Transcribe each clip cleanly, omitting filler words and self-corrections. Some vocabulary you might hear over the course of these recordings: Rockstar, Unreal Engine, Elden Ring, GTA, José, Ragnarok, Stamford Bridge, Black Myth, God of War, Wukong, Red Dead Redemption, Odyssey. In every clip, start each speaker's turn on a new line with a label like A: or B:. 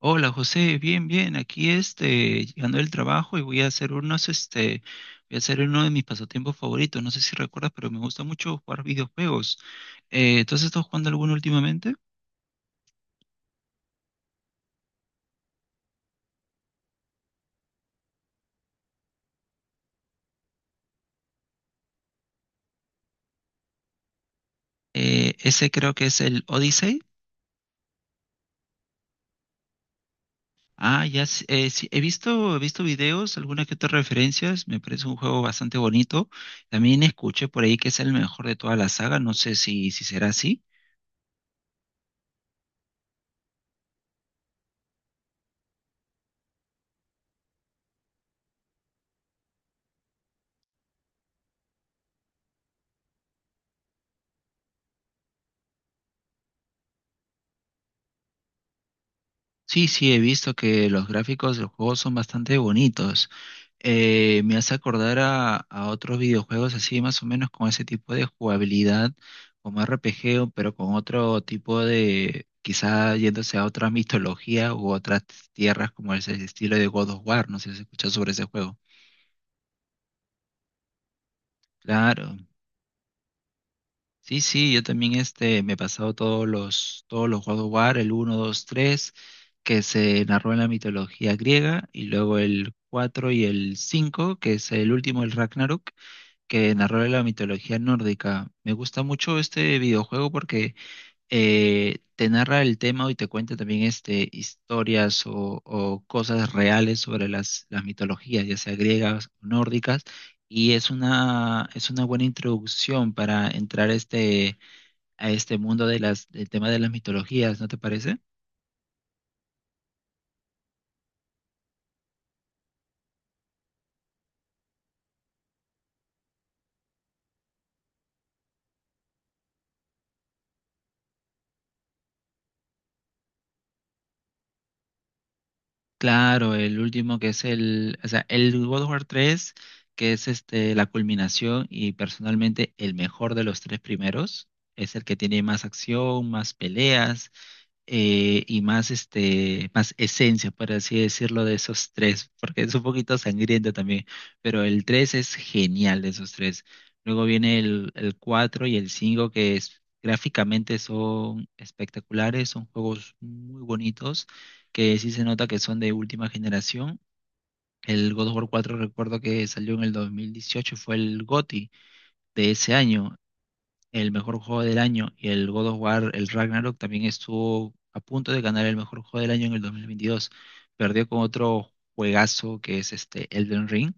A: Hola José, bien, bien, aquí llegando del trabajo y voy a hacer voy a hacer uno de mis pasatiempos favoritos, no sé si recuerdas, pero me gusta mucho jugar videojuegos. ¿Entonces estás jugando alguno últimamente? Ese creo que es el Odyssey. Ah, ya, sí, sí, he visto videos, algunas que otras referencias, me parece un juego bastante bonito. También escuché por ahí que es el mejor de toda la saga, no sé si será así. Sí, sí, he visto que los gráficos del juego son bastante bonitos. Me hace acordar a otros videojuegos así más o menos con ese tipo de jugabilidad, como RPG, pero con otro tipo de, quizá yéndose a otra mitología u otras tierras como ese estilo de God of War, no sé si has escuchado sobre ese juego. Claro. Sí, sí, yo también me he pasado todos los God of War, el uno, 2, 3, que se narró en la mitología griega, y luego el 4 y el 5, que es el último, el Ragnarok, que narra la mitología nórdica. Me gusta mucho este videojuego porque te narra el tema y te cuenta también historias o cosas reales sobre las mitologías, ya sea griegas o nórdicas, y es es una buena introducción para entrar a a este mundo de del tema de las mitologías, ¿no te parece? Claro, el último que es el God of War 3, que es la culminación y personalmente el mejor de los tres primeros, es el que tiene más acción, más peleas, y más esencia, por así decirlo, de esos tres, porque es un poquito sangriento también, pero el 3 es genial de esos tres. Luego viene el 4 y el 5 que es, gráficamente son espectaculares, son juegos muy bonitos, que sí se nota que son de última generación. El God of War cuatro recuerdo que salió en el 2018, fue el GOTY de ese año, el mejor juego del año, y el God of War, el Ragnarok, también estuvo a punto de ganar el mejor juego del año en el 2022. Perdió con otro juegazo que es Elden Ring,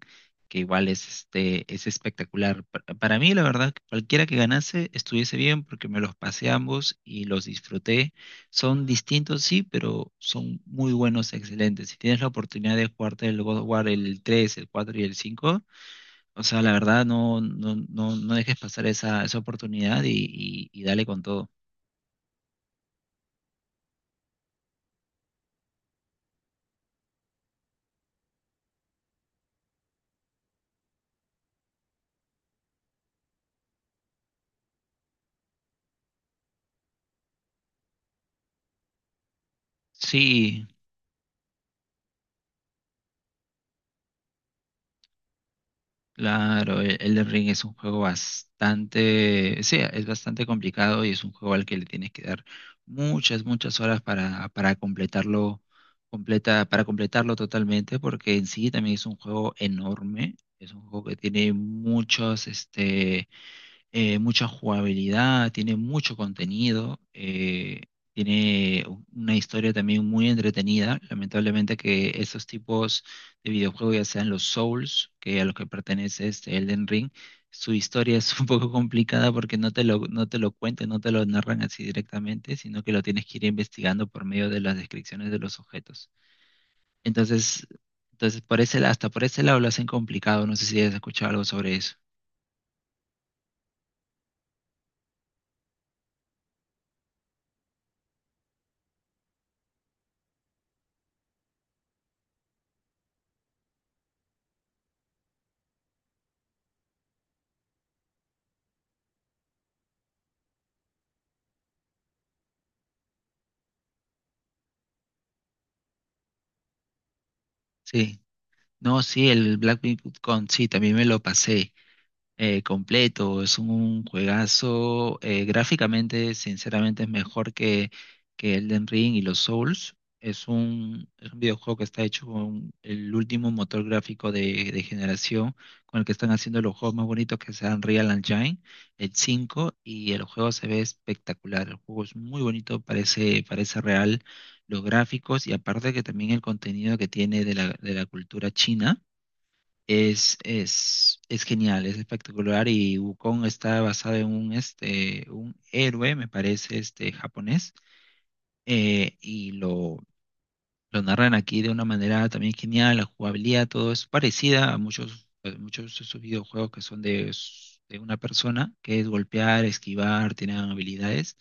A: que igual es espectacular. Para mí, la verdad, cualquiera que ganase estuviese bien porque me los pasé ambos y los disfruté. Son distintos, sí, pero son muy buenos, excelentes. Si tienes la oportunidad de jugarte el God of War, el tres, el 4 y el cinco, o sea, la verdad, no, no, no, no dejes pasar esa oportunidad y dale con todo. Sí, claro, el Elden Ring es un juego bastante complicado y es un juego al que le tienes que dar muchas horas para para completarlo totalmente, porque en sí también es un juego enorme, es un juego que tiene mucha jugabilidad, tiene mucho contenido, tiene una historia también muy entretenida. Lamentablemente que esos tipos de videojuegos, ya sean los Souls, que a los que pertenece este Elden Ring, su historia es un poco complicada porque no te lo cuentan, no te lo narran así directamente, sino que lo tienes que ir investigando por medio de las descripciones de los objetos. Entonces, entonces, por hasta por ese lado lo hacen complicado. No sé si has escuchado algo sobre eso. Sí. No, sí, el Black Myth con sí, también me lo pasé completo. Es un juegazo. Gráficamente, sinceramente, es mejor que Elden Ring y los Souls. Es un videojuego que está hecho con el último motor gráfico de generación, con el que están haciendo los juegos más bonitos que sean Real Engine, el 5 y el juego se ve espectacular. El juego es muy bonito, parece real. Los gráficos y aparte que también el contenido que tiene de de la cultura china es, es genial, es espectacular y Wukong está basado en un héroe, me parece, japonés, eh, y lo, lo narran aquí de una manera también genial, la jugabilidad, todo es parecida a muchos de esos videojuegos que son de una persona, que es golpear, esquivar, tienen habilidades,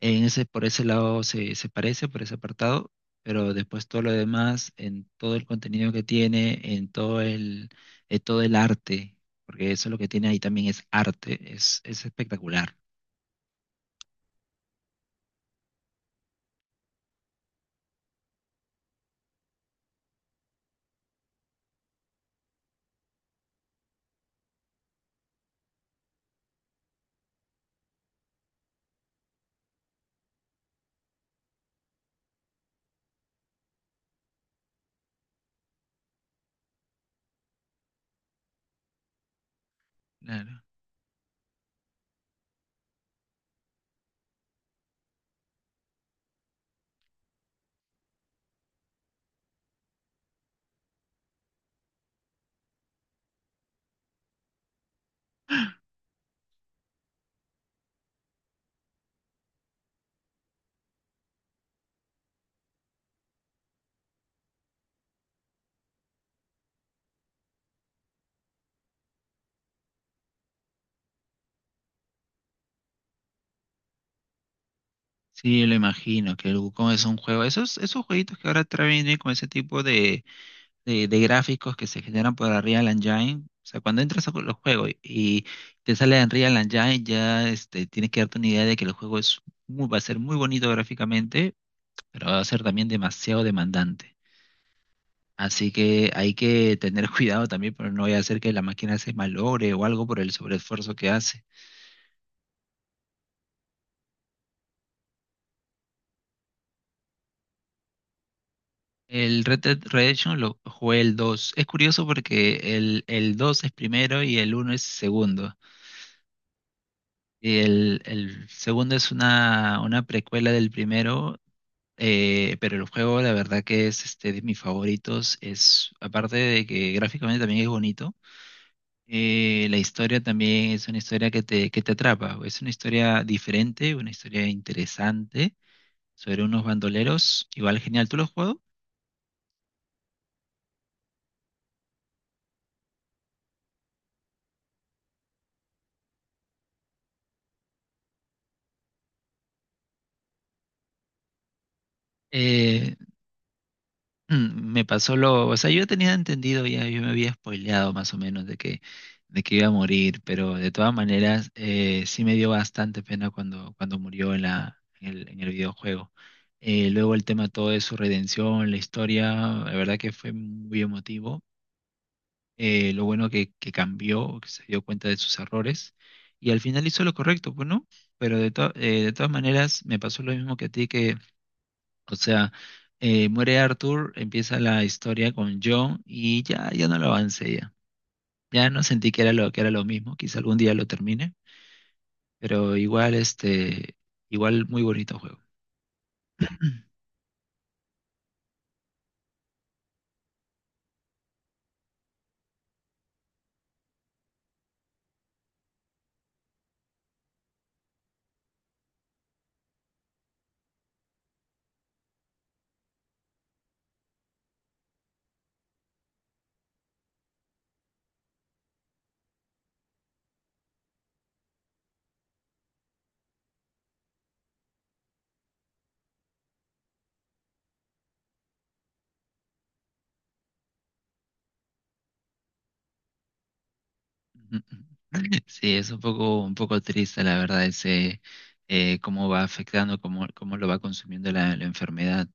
A: en por ese lado se parece, por ese apartado, pero después todo lo demás, en todo el contenido que tiene, en todo el arte, porque eso lo que tiene ahí también es arte, es espectacular. Claro. Sí, lo imagino, que el Wukong es un juego. Esos jueguitos que ahora traen con ese tipo de gráficos que se generan por Unreal Engine. O sea, cuando entras a los juegos y te sale Unreal Engine, ya tienes que darte una idea de que el juego es muy, va a ser muy bonito gráficamente, pero va a ser también demasiado demandante. Así que hay que tener cuidado también, pero no voy a hacer que la máquina se malogre o algo por el sobreesfuerzo que hace. El Red Dead Redemption lo jugué el dos. Es curioso porque el 2 es primero y el uno es segundo. Y el segundo es una precuela del primero, pero el juego la verdad que es de mis favoritos. Es, aparte de que gráficamente también es bonito, la historia también es una historia que te atrapa. Es una historia diferente, una historia interesante sobre unos bandoleros. Igual genial, ¿tú lo has jugado? Eh, Me pasó yo tenía entendido ya, yo me había spoileado más o menos de que iba a morir, pero de todas maneras sí me dio bastante pena cuando murió en en el videojuego. Luego el tema todo de su redención, la historia, la verdad que fue muy emotivo. Lo bueno que cambió, que se dio cuenta de sus errores y al final hizo lo correcto, pues no, pero de todas maneras me pasó lo mismo que a ti, o sea, muere Arthur, empieza la historia con John y ya no lo avancé ya. Ya no sentí que era que era lo mismo, quizá algún día lo termine, pero igual muy bonito juego. Ujú. Sí, es un poco triste la verdad ese cómo va cómo lo va consumiendo la enfermedad.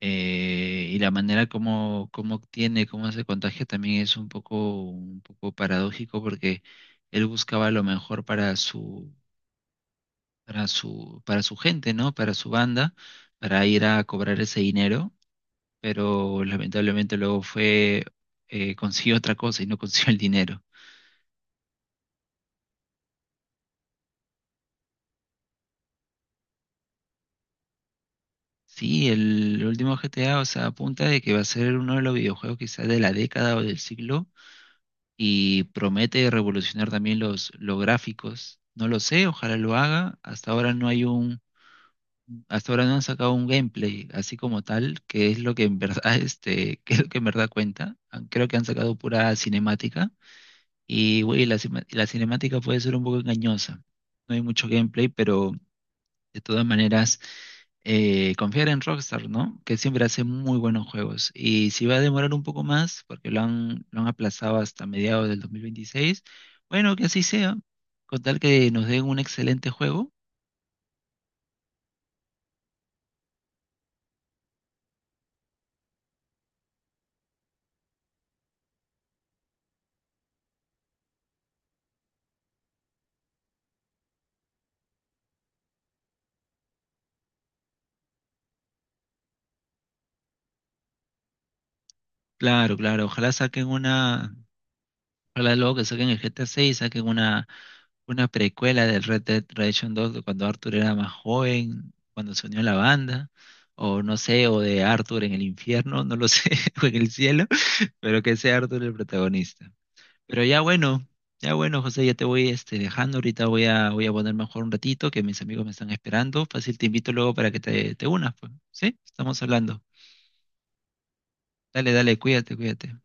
A: Y la manera como tiene, cómo se contagia también es un poco paradójico porque él buscaba lo mejor para su para su gente, ¿no? Para su banda, para ir a cobrar ese dinero, pero lamentablemente consiguió otra cosa y no consiguió el dinero. Sí, el último GTA, o sea, apunta de que va a ser uno de los videojuegos quizás de la década o del siglo y promete revolucionar también los gráficos. No lo sé, ojalá lo haga. Hasta ahora no han sacado un gameplay así como tal, que es lo que en verdad, que es lo que en verdad cuenta. Ah, creo que han sacado pura cinemática y, güey, la cinemática puede ser un poco engañosa. No hay mucho gameplay, pero de todas maneras, confiar en Rockstar, ¿no? Que siempre hace muy buenos juegos. Y si va a demorar un poco más, porque lo han aplazado hasta mediados del 2026, bueno, que así sea, con tal que nos den un excelente juego. Claro, ojalá luego que saquen el GTA 6, saquen una precuela del Red Dead Redemption 2 de cuando Arthur era más joven, cuando se unió a la banda, o no sé, o de Arthur en el infierno, no lo sé, o en el cielo, pero que sea Arthur el protagonista. Pero ya bueno, José, ya te voy dejando, ahorita voy a, voy a poner mejor un ratito, que mis amigos me están esperando, fácil, te invito luego para que te unas, pues, ¿sí? Estamos hablando. Dale, dale, cuídate, cuídate.